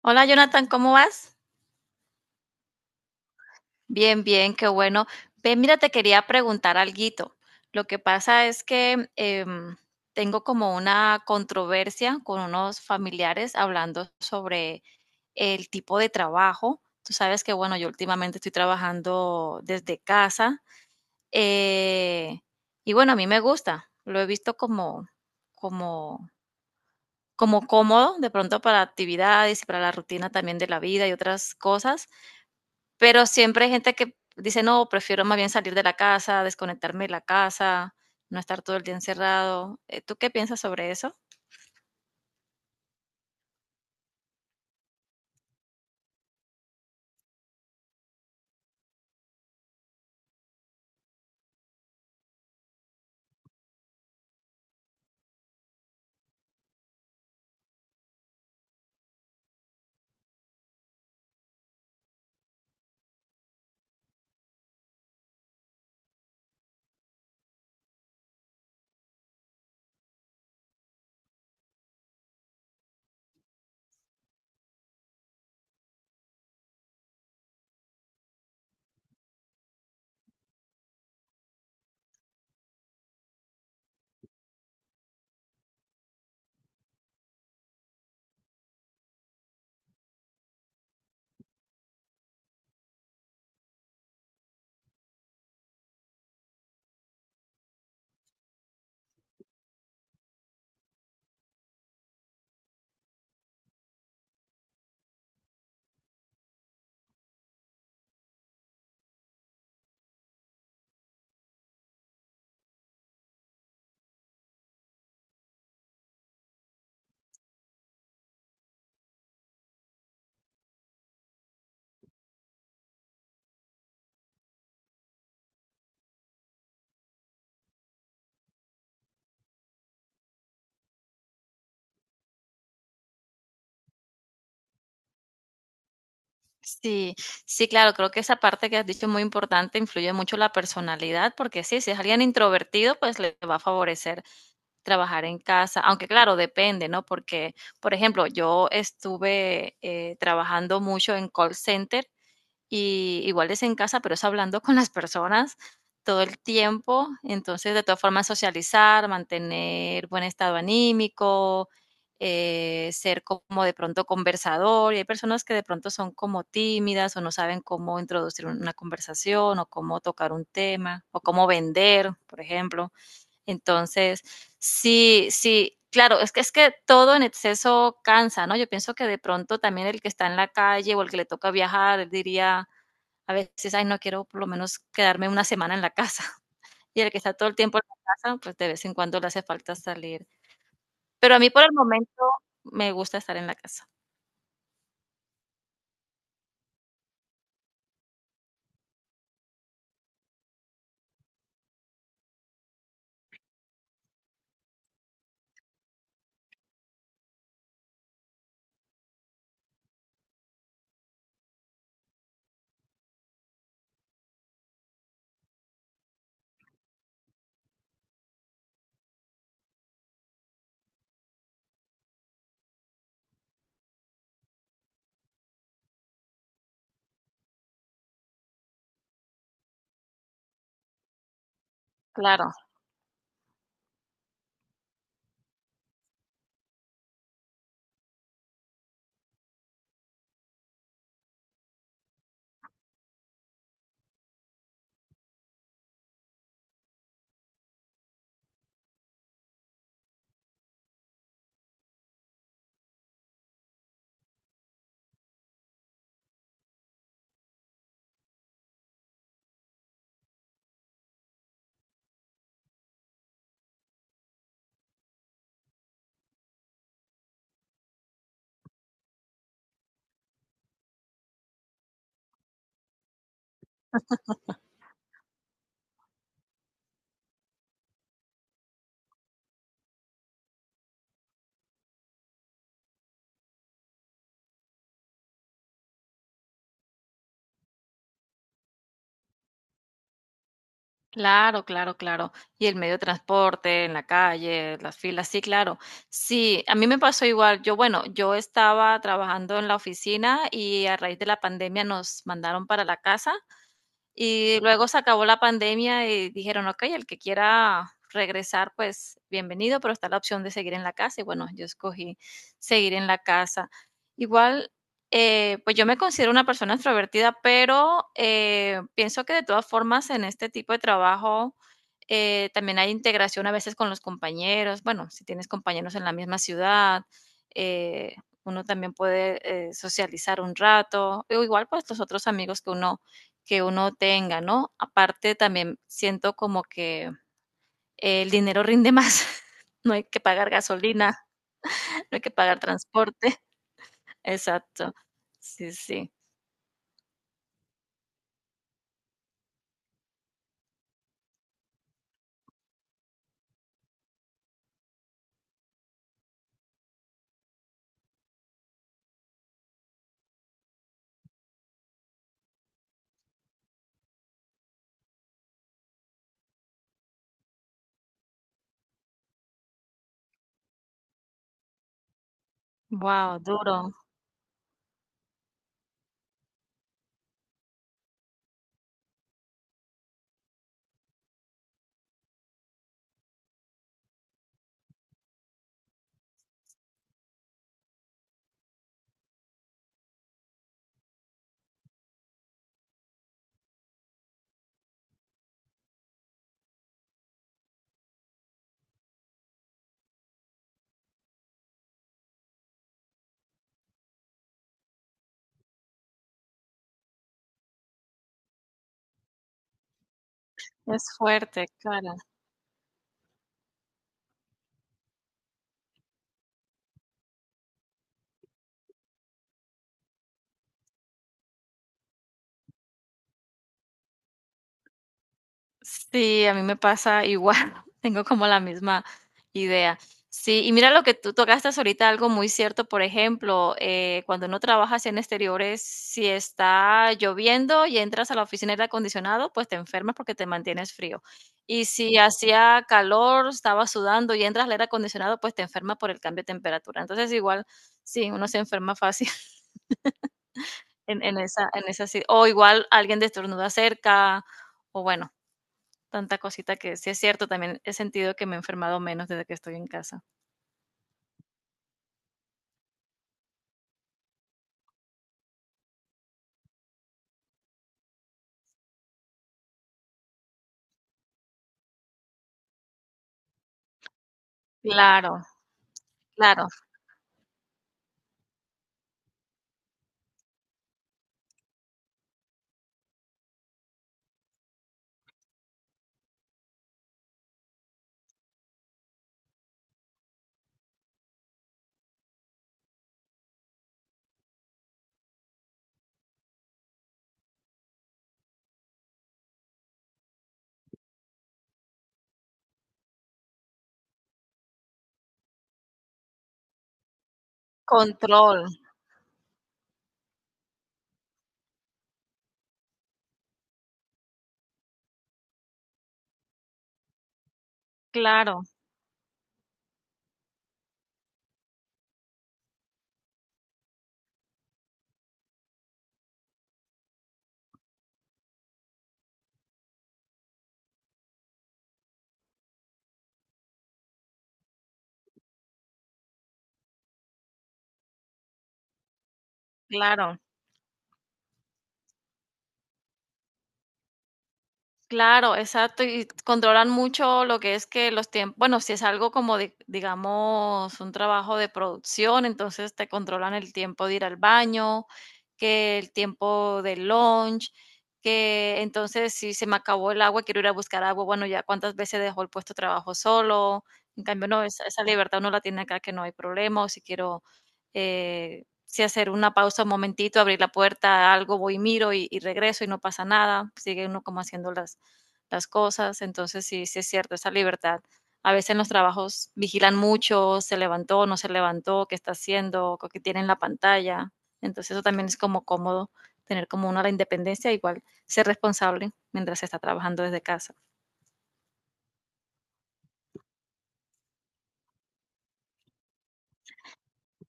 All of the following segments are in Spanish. Hola Jonathan, ¿cómo vas? Bien, bien, qué bueno. Ve, mira, te quería preguntar alguito. Lo que pasa es que tengo como una controversia con unos familiares hablando sobre el tipo de trabajo. Tú sabes que, bueno, yo últimamente estoy trabajando desde casa eh, y bueno, a mí me gusta. Lo he visto como, como cómodo de pronto para actividades y para la rutina también de la vida y otras cosas. Pero siempre hay gente que dice: "No, prefiero más bien salir de la casa, desconectarme de la casa, no estar todo el día encerrado". ¿Tú qué piensas sobre eso? Sí, sí, claro, creo que esa parte que has dicho es muy importante, influye mucho la personalidad, porque sí, si es alguien introvertido, pues le va a favorecer trabajar en casa, aunque claro, depende, ¿no? Porque, por ejemplo, yo estuve, trabajando mucho en call center. Y igual es en casa, pero es hablando con las personas todo el tiempo. Entonces, de todas formas, socializar, mantener buen estado anímico, ser como de pronto conversador. Y hay personas que de pronto son como tímidas o no saben cómo introducir una conversación o cómo tocar un tema o cómo vender, por ejemplo. Entonces, sí, sí. Claro, es que todo en exceso cansa, ¿no? Yo pienso que de pronto también el que está en la calle o el que le toca viajar, él diría, a veces, ay, no quiero por lo menos quedarme una semana en la casa. Y el que está todo el tiempo en la casa, pues de vez en cuando le hace falta salir. Pero a mí por el momento me gusta estar en la casa. Claro, claro, claro, claro. Y el medio de transporte, en la calle, las filas, sí, claro. Sí, a mí me pasó igual. Yo, bueno, yo estaba trabajando en la oficina y a raíz de la pandemia nos mandaron para la casa. Y luego se acabó la pandemia y dijeron, ok, el que quiera regresar, pues bienvenido, pero está la opción de seguir en la casa. Y bueno, yo escogí seguir en la casa. Igual, pues yo me considero una persona extrovertida, pero pienso que de todas formas en este tipo de trabajo también hay integración a veces con los compañeros. Bueno, si tienes compañeros en la misma ciudad, eh, uno también puede socializar un rato. O igual, pues los otros amigos que uno tenga, ¿no? Aparte también siento como que el dinero rinde más, no hay que pagar gasolina, no hay que pagar transporte. Exacto. Sí, sí. Wow, duro. Es fuerte, claro. Sí, a mí me pasa igual, tengo como la misma idea. Sí, y mira lo que tú tocaste ahorita, algo muy cierto, por ejemplo, cuando uno trabaja así en exteriores, si está lloviendo y entras a la oficina de aire acondicionado, pues te enfermas porque te mantienes frío. Y si hacía calor, estaba sudando y entras al aire acondicionado, pues te enfermas por el cambio de temperatura. Entonces, igual, sí, uno se enferma fácil en esa, si- o igual alguien te estornuda cerca, o bueno. Tanta cosita que sí es cierto, también he sentido que me he enfermado menos desde que estoy en casa. Claro, claro, control, claro, claro. Claro, exacto, y controlan mucho lo que es que los tiempos, bueno, si es algo como digamos un trabajo de producción, entonces te controlan el tiempo de ir al baño, que el tiempo del lunch, que entonces si se me acabó el agua, quiero ir a buscar agua, bueno, ya cuántas veces dejó el puesto de trabajo solo. En cambio, no, esa libertad uno la tiene acá que no hay problema, o si quiero si hacer una pausa un momentito, abrir la puerta, algo, voy y miro y regreso y no pasa nada. Sigue uno como haciendo las cosas. Entonces, sí, sí es cierto, esa libertad. A veces en los trabajos vigilan mucho, se levantó, no se levantó, qué está haciendo, qué tiene en la pantalla. Entonces, eso también es como cómodo tener como una la independencia, igual ser responsable mientras se está trabajando desde casa.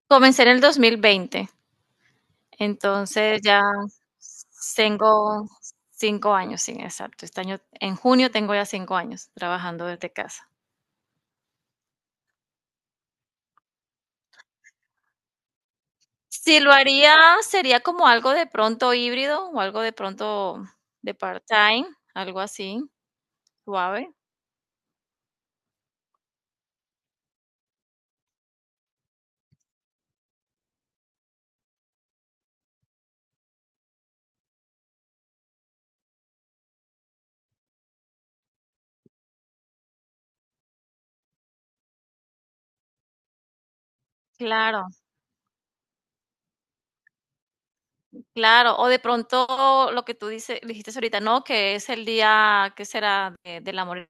Comencé en el 2020, entonces ya tengo 5 años, sí, exacto. Este año, en junio tengo ya 5 años trabajando desde casa. Si lo haría, sería como algo de pronto híbrido o algo de pronto de part-time, algo así, suave. Claro, claro. O de pronto lo que tú dices, dijiste ahorita, ¿no? Que es el día, ¿qué será? Del amor e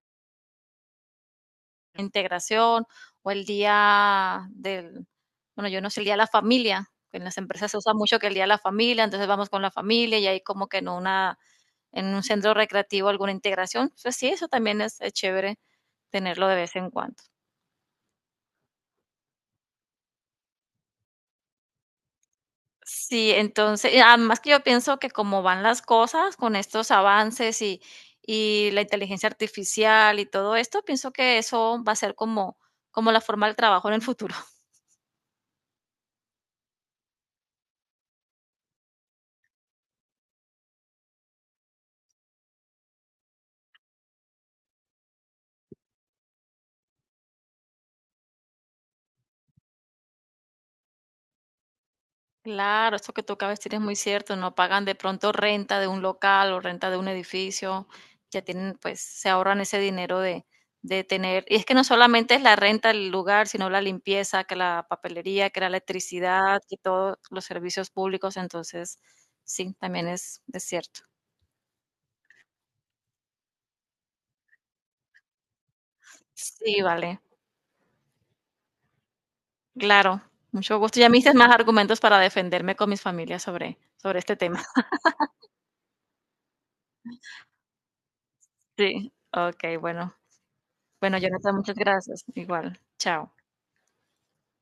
la integración o el día del, bueno, yo no sé, el día de la familia. En las empresas se usa mucho que el día de la familia, entonces vamos con la familia y ahí como que en una, en un centro recreativo alguna integración. Entonces sí, eso también es chévere tenerlo de vez en cuando. Sí, entonces, y además que yo pienso que como van las cosas con estos avances y la inteligencia artificial y todo esto, pienso que eso va a ser como la forma del trabajo en el futuro. Claro, esto que tú acabas de decir es muy cierto, no pagan de pronto renta de un local o renta de un edificio, ya tienen, pues se ahorran ese dinero de tener, y es que no solamente es la renta del lugar, sino la limpieza, que la papelería, que la electricidad, que todos los servicios públicos, entonces sí, también es cierto. Sí, vale, claro, mucho gusto. Ya me diste más argumentos para defenderme con mis familias sobre este tema. Sí, ok, bueno, bueno, Jonathan, muchas gracias, igual, chao.